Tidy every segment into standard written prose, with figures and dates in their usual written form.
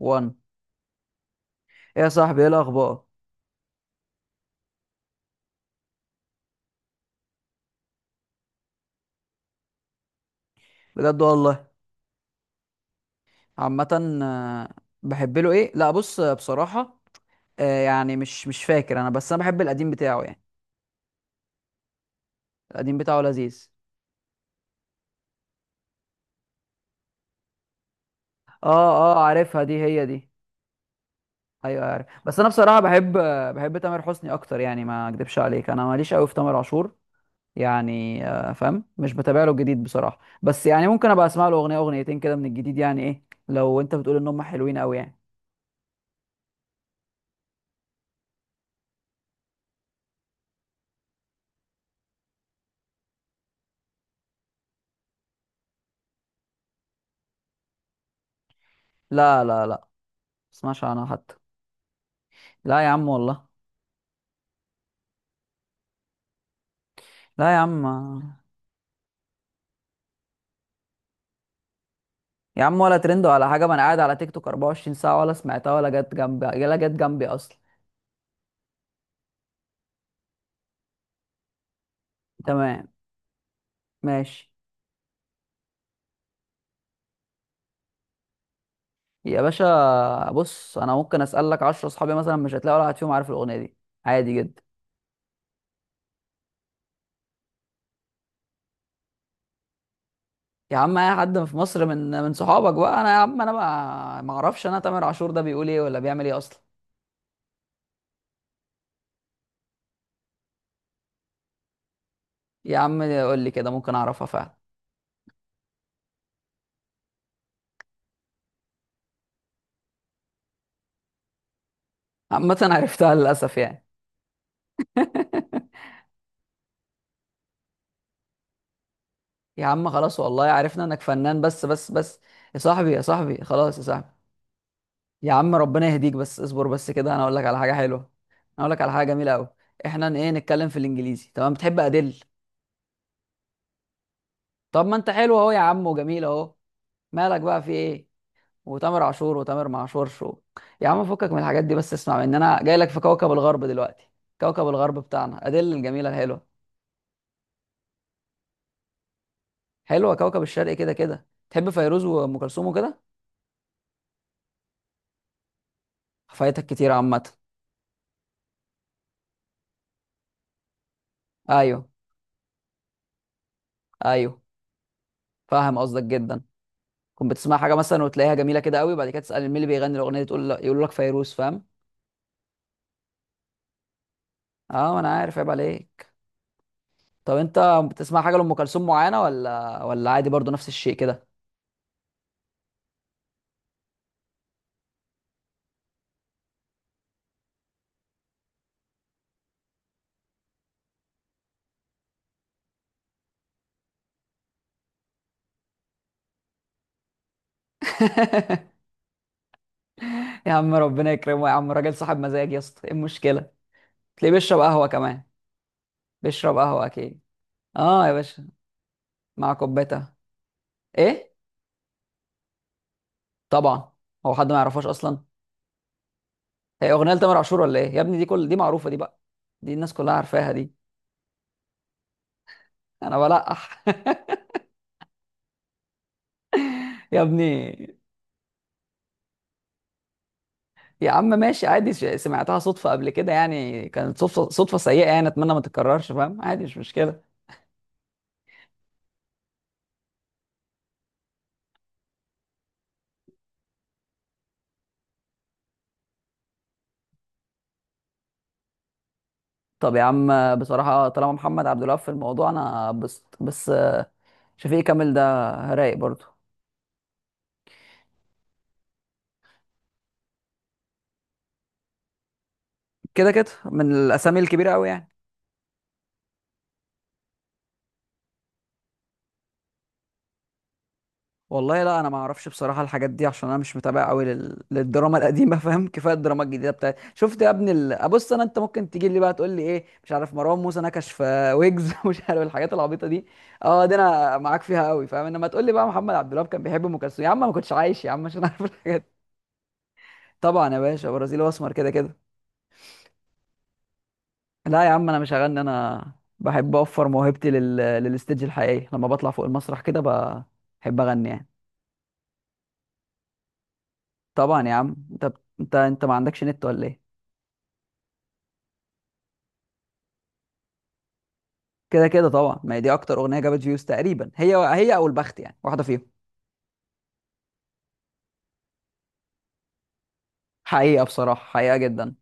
1. ايه يا صاحبي، ايه الاخبار؟ بجد والله. عامه. آه، بحب له ايه. لا بص، بصراحه يعني مش فاكر انا، بس انا بحب القديم بتاعه يعني. القديم بتاعه لذيذ. اه اه، عارفها دي، هي دي. ايوه أيوة، عارف. بس انا بصراحه بحب، بحب تامر حسني اكتر يعني، ما اكدبش عليك انا ماليش قوي في تامر عاشور. يعني فاهم، مش بتابع له الجديد بصراحه، بس يعني ممكن ابقى اسمع له اغنيه اغنيتين كده من الجديد. يعني ايه لو انت بتقول ان هم حلوين قوي يعني. لا لا لا، ما اسمعش عنها حتى. لا يا عم والله. لا يا عم. يا عم، ولا ترند ولا حاجه، ما انا قاعد على تيك توك 24 ساعه، ولا سمعتها ولا جت جنبي، ولا جت جنبي اصلا. تمام. ماشي. يا باشا بص، انا ممكن اسالك 10 اصحابي مثلا مش هتلاقي ولا واحد فيهم عارف الاغنيه دي. عادي جدا. يا عم، اي حد في مصر من صحابك بقى. انا يا عم، انا بقى ما اعرفش انا تامر عاشور ده بيقول ايه ولا بيعمل ايه اصلا. يا عم قول لي كده، ممكن اعرفها فعلا. عامه عرفتها للاسف يعني. يا عم خلاص والله، عرفنا انك فنان بس بس بس. يا صاحبي يا صاحبي، خلاص يا صاحبي. يا عم ربنا يهديك، بس اصبر بس كده، انا اقول لك على حاجه حلوه. انا اقول لك على حاجه جميله قوي. احنا ايه، نتكلم في الانجليزي؟ تمام، بتحب ادل؟ طب ما انت حلو اهو يا عم، وجميل اهو. مالك بقى، في ايه؟ وتامر عاشور، وتامر معاشورش و... يا عم فكك من الحاجات دي بس، اسمع، ان انا جاي لك في كوكب الغرب دلوقتي. كوكب الغرب بتاعنا ادل، الجميله الحلوه. حلوه كوكب الشرق، كده كده تحب فيروز وام كلثوم وكده. فايتك كتير عامه. ايوه ايوه، فاهم قصدك جدا. كنت بتسمع حاجه مثلا وتلاقيها جميله كده قوي، وبعد كده تسال مين اللي بيغني الاغنيه دي، تقول يقول لك فيروز. فاهم. اه انا عارف، عيب عليك. طب انت بتسمع حاجه لام كلثوم معينه، ولا عادي برضو نفس الشيء كده؟ يا عم ربنا يكرمه، يا عم راجل صاحب مزاج يا اسطى، ايه المشكله. تلاقيه بيشرب قهوه كمان. بيشرب قهوه اكيد. اه يا باشا، مع كوبايتها. ايه، طبعا، هو حد ما يعرفهاش اصلا. هي اغنيه لتامر عاشور ولا ايه يا ابني؟ دي كل دي معروفه دي بقى، دي الناس كلها عارفاها دي. انا بلقح. يا ابني. يا عم ماشي عادي، سمعتها صدفة قبل كده يعني، كانت صدفة سيئة يعني، أتمنى ما تتكررش، فاهم؟ عادي مش مشكلة. طب يا عم بصراحة، طالما محمد عبد الوهاب في الموضوع، أنا بس بس. شفيق كامل ده رايق برضه. كده كده من الأسامي الكبيرة أوي يعني. والله لا، انا ما اعرفش بصراحه الحاجات دي عشان انا مش متابع قوي للدراما القديمه. فاهم، كفايه الدراما الجديده بتاعت، شفت يا ابني بص انا، انت ممكن تيجي لي بقى تقول لي ايه، مش عارف مروان موسى نكش في ويجز. مش عارف الحاجات العبيطه دي، اه دي انا معاك فيها قوي، فاهم؟ انما تقول لي بقى محمد عبد الوهاب كان بيحب ام كلثوم، يا عم ما كنتش عايش يا عم عشان اعرف الحاجات دي. طبعا يا باشا، برازيلي واسمر كده كده. لا يا عم انا مش هغني انا، بحب اوفر موهبتي للستيج الحقيقي لما بطلع فوق المسرح كده، بحب اغني يعني. طبعا يا عم، انت انت ما عندكش نت ولا ايه؟ كده كده طبعا، ما هي دي اكتر اغنيه جابت فيوز تقريبا، هي او البخت يعني، واحده فيهم. حقيقه بصراحه، حقيقه جدا،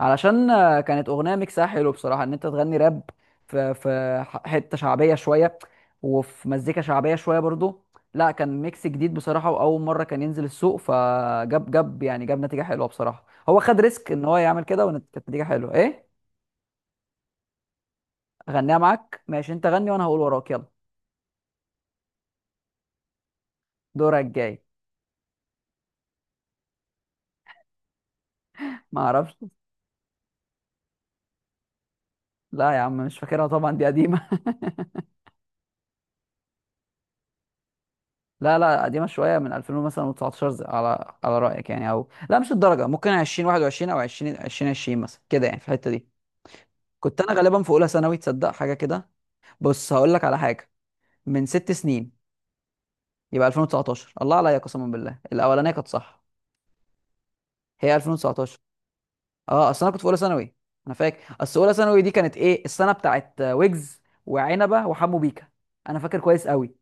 علشان كانت اغنيه ميكسها حلو بصراحه ان انت تغني راب في حته شعبيه شويه، وفي مزيكا شعبيه شويه برضو. لا كان ميكس جديد بصراحه، واول مره كان ينزل السوق، فجاب يعني، جاب نتيجه حلوه بصراحه، هو خد ريسك ان هو يعمل كده، وكانت نتيجه حلوه، ايه. اغنيها معاك ماشي، انت غني وانا هقول وراك، يلا. دورك جاي. ما اعرفش. لا يا عم مش فاكرها طبعا، دي قديمه. لا لا، قديمة شوية، من 2000 مثلا و19، على على رأيك يعني، او لا مش الدرجة، ممكن 2021 او 20 2020 مثلا كده يعني في الحتة دي. كنت انا غالبا في اولى ثانوي، تصدق حاجة كده. بص هقول لك على حاجة، من ست سنين يبقى 2019. الله عليا، قسما بالله الاولانية كانت صح، هي 2019. اه اصل انا كنت في اولى ثانوي. انا فاكر اصل اولى ثانوي دي كانت ايه، السنة بتاعت ويجز وعنبة وحمو بيكا، انا فاكر كويس قوي.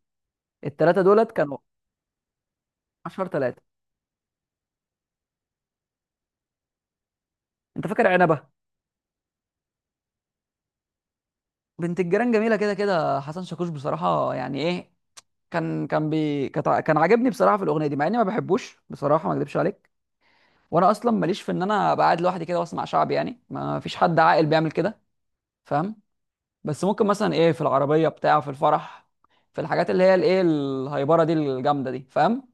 الثلاثة دولت كانوا 10 3. انت فاكر عنبة؟ بنت الجيران جميله كده كده، حسن شاكوش بصراحه يعني ايه، كان كان كان عاجبني بصراحه في الاغنيه دي مع اني ما بحبوش بصراحه، ما اكذبش عليك. وانا اصلا ماليش في ان انا ابقى قاعد لوحدي كده واسمع شعبي يعني، ما فيش حد عاقل بيعمل كده، فاهم؟ بس ممكن مثلا ايه في العربيه بتاع، في الفرح، في الحاجات اللي هي الايه، الهايبره دي، الجامده دي، فاهم؟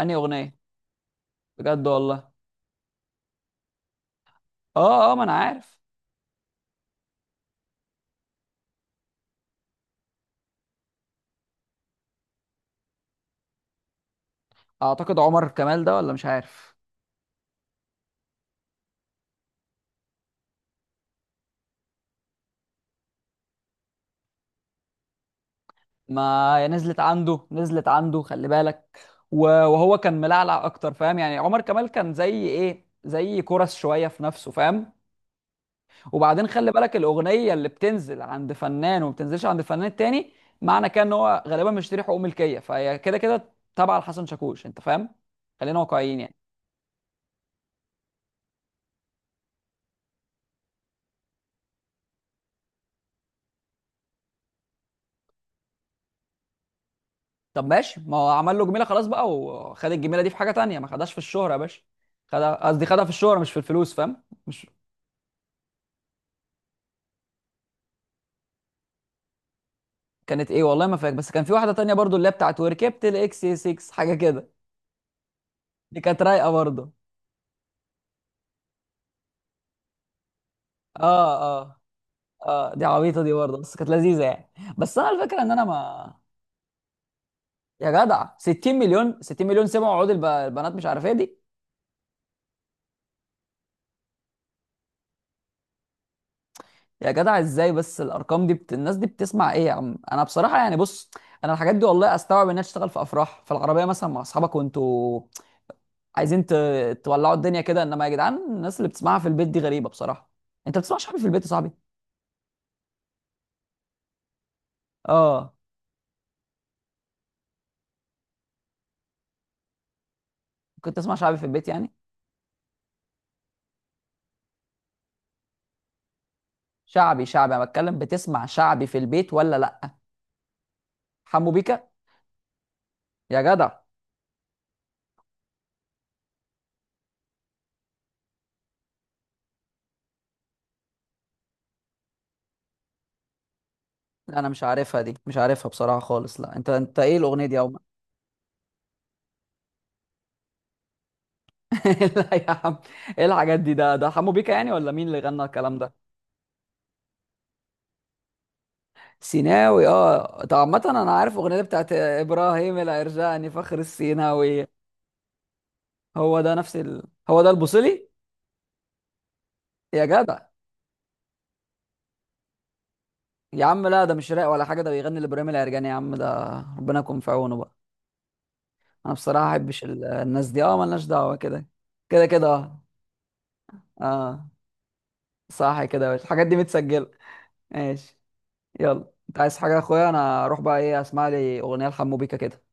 انهي اغنيه؟ بجد والله؟ اه اه، ما انا عارف. اعتقد عمر كمال ده، ولا مش عارف. ما نزلت عنده، نزلت عنده، خلي بالك. وهو كان ملعلع اكتر، فاهم؟ يعني عمر كمال كان زي ايه، زي كرس شويه في نفسه، فاهم؟ وبعدين خلي بالك، الاغنيه اللي بتنزل عند فنان وما بتنزلش عند فنان التاني، معنى كده ان هو غالبا مشتري حقوق ملكيه، فهي كده كده تابعه لحسن شاكوش، انت فاهم؟ خلينا واقعيين يعني. طب ماشي، ما هو عمل له جميله خلاص بقى، وخد الجميله دي في حاجه تانيه، ما خدهاش في الشهره يا باشا. خدها، قصدي خدها في الشهره مش في الفلوس، فاهم مش. كانت ايه والله ما فاكر، بس كان في واحده تانية برضو اللي هي بتاعت وركبت الاكس اي 6 حاجه كده. دي كانت رايقه برضو. اه اه اه، دي عبيطه دي برضو، بس كانت لذيذه يعني. بس انا الفكره ان انا ما. يا جدع 60 مليون، 60 مليون سمعوا عقود البنات، مش عارف ايه دي. يا جدع ازاي، بس الارقام دي الناس دي بتسمع ايه؟ يا عم انا بصراحه يعني بص، انا الحاجات دي والله استوعب انها تشتغل في افراح، في العربيه مثلا مع اصحابك وانتوا عايزين تولعوا الدنيا كده، انما يا جدعان الناس اللي بتسمعها في البيت دي غريبه بصراحه. انت بتسمعش حاجه في البيت يا صاحبي؟ اه. كنت تسمع شعبي في البيت يعني؟ شعبي شعبي انا بتكلم، بتسمع شعبي في البيت ولا لا؟ حمو بيكا. يا جدع. انا مش عارفها، دي مش عارفها بصراحه خالص لا، انت انت ايه الاغنيه دي يا عم؟ لا يا عم، ايه الحاجات دي، ده ده حمو بيكا يعني ولا مين اللي غنى الكلام ده؟ سيناوي. اه طب عامه انا عارف الاغنيه دي بتاعت ابراهيم العرجاني فخر السيناوي. هو ده نفس هو ده البوصلي. يا جدع. يا عم لا، ده مش راق ولا حاجه، ده بيغني لابراهيم العرجاني يا عم، ده ربنا يكون في عونه بقى. انا بصراحه ما احبش الناس دي، اه ملناش دعوه. كده كده كده اه. اه. صح كده يا باشا، الحاجات دي متسجله؟ ماشي. يلا، انت عايز حاجه يا اخويا؟ انا اروح بقى، ايه، اسمع لي اغنيه لحمو بيكا كده.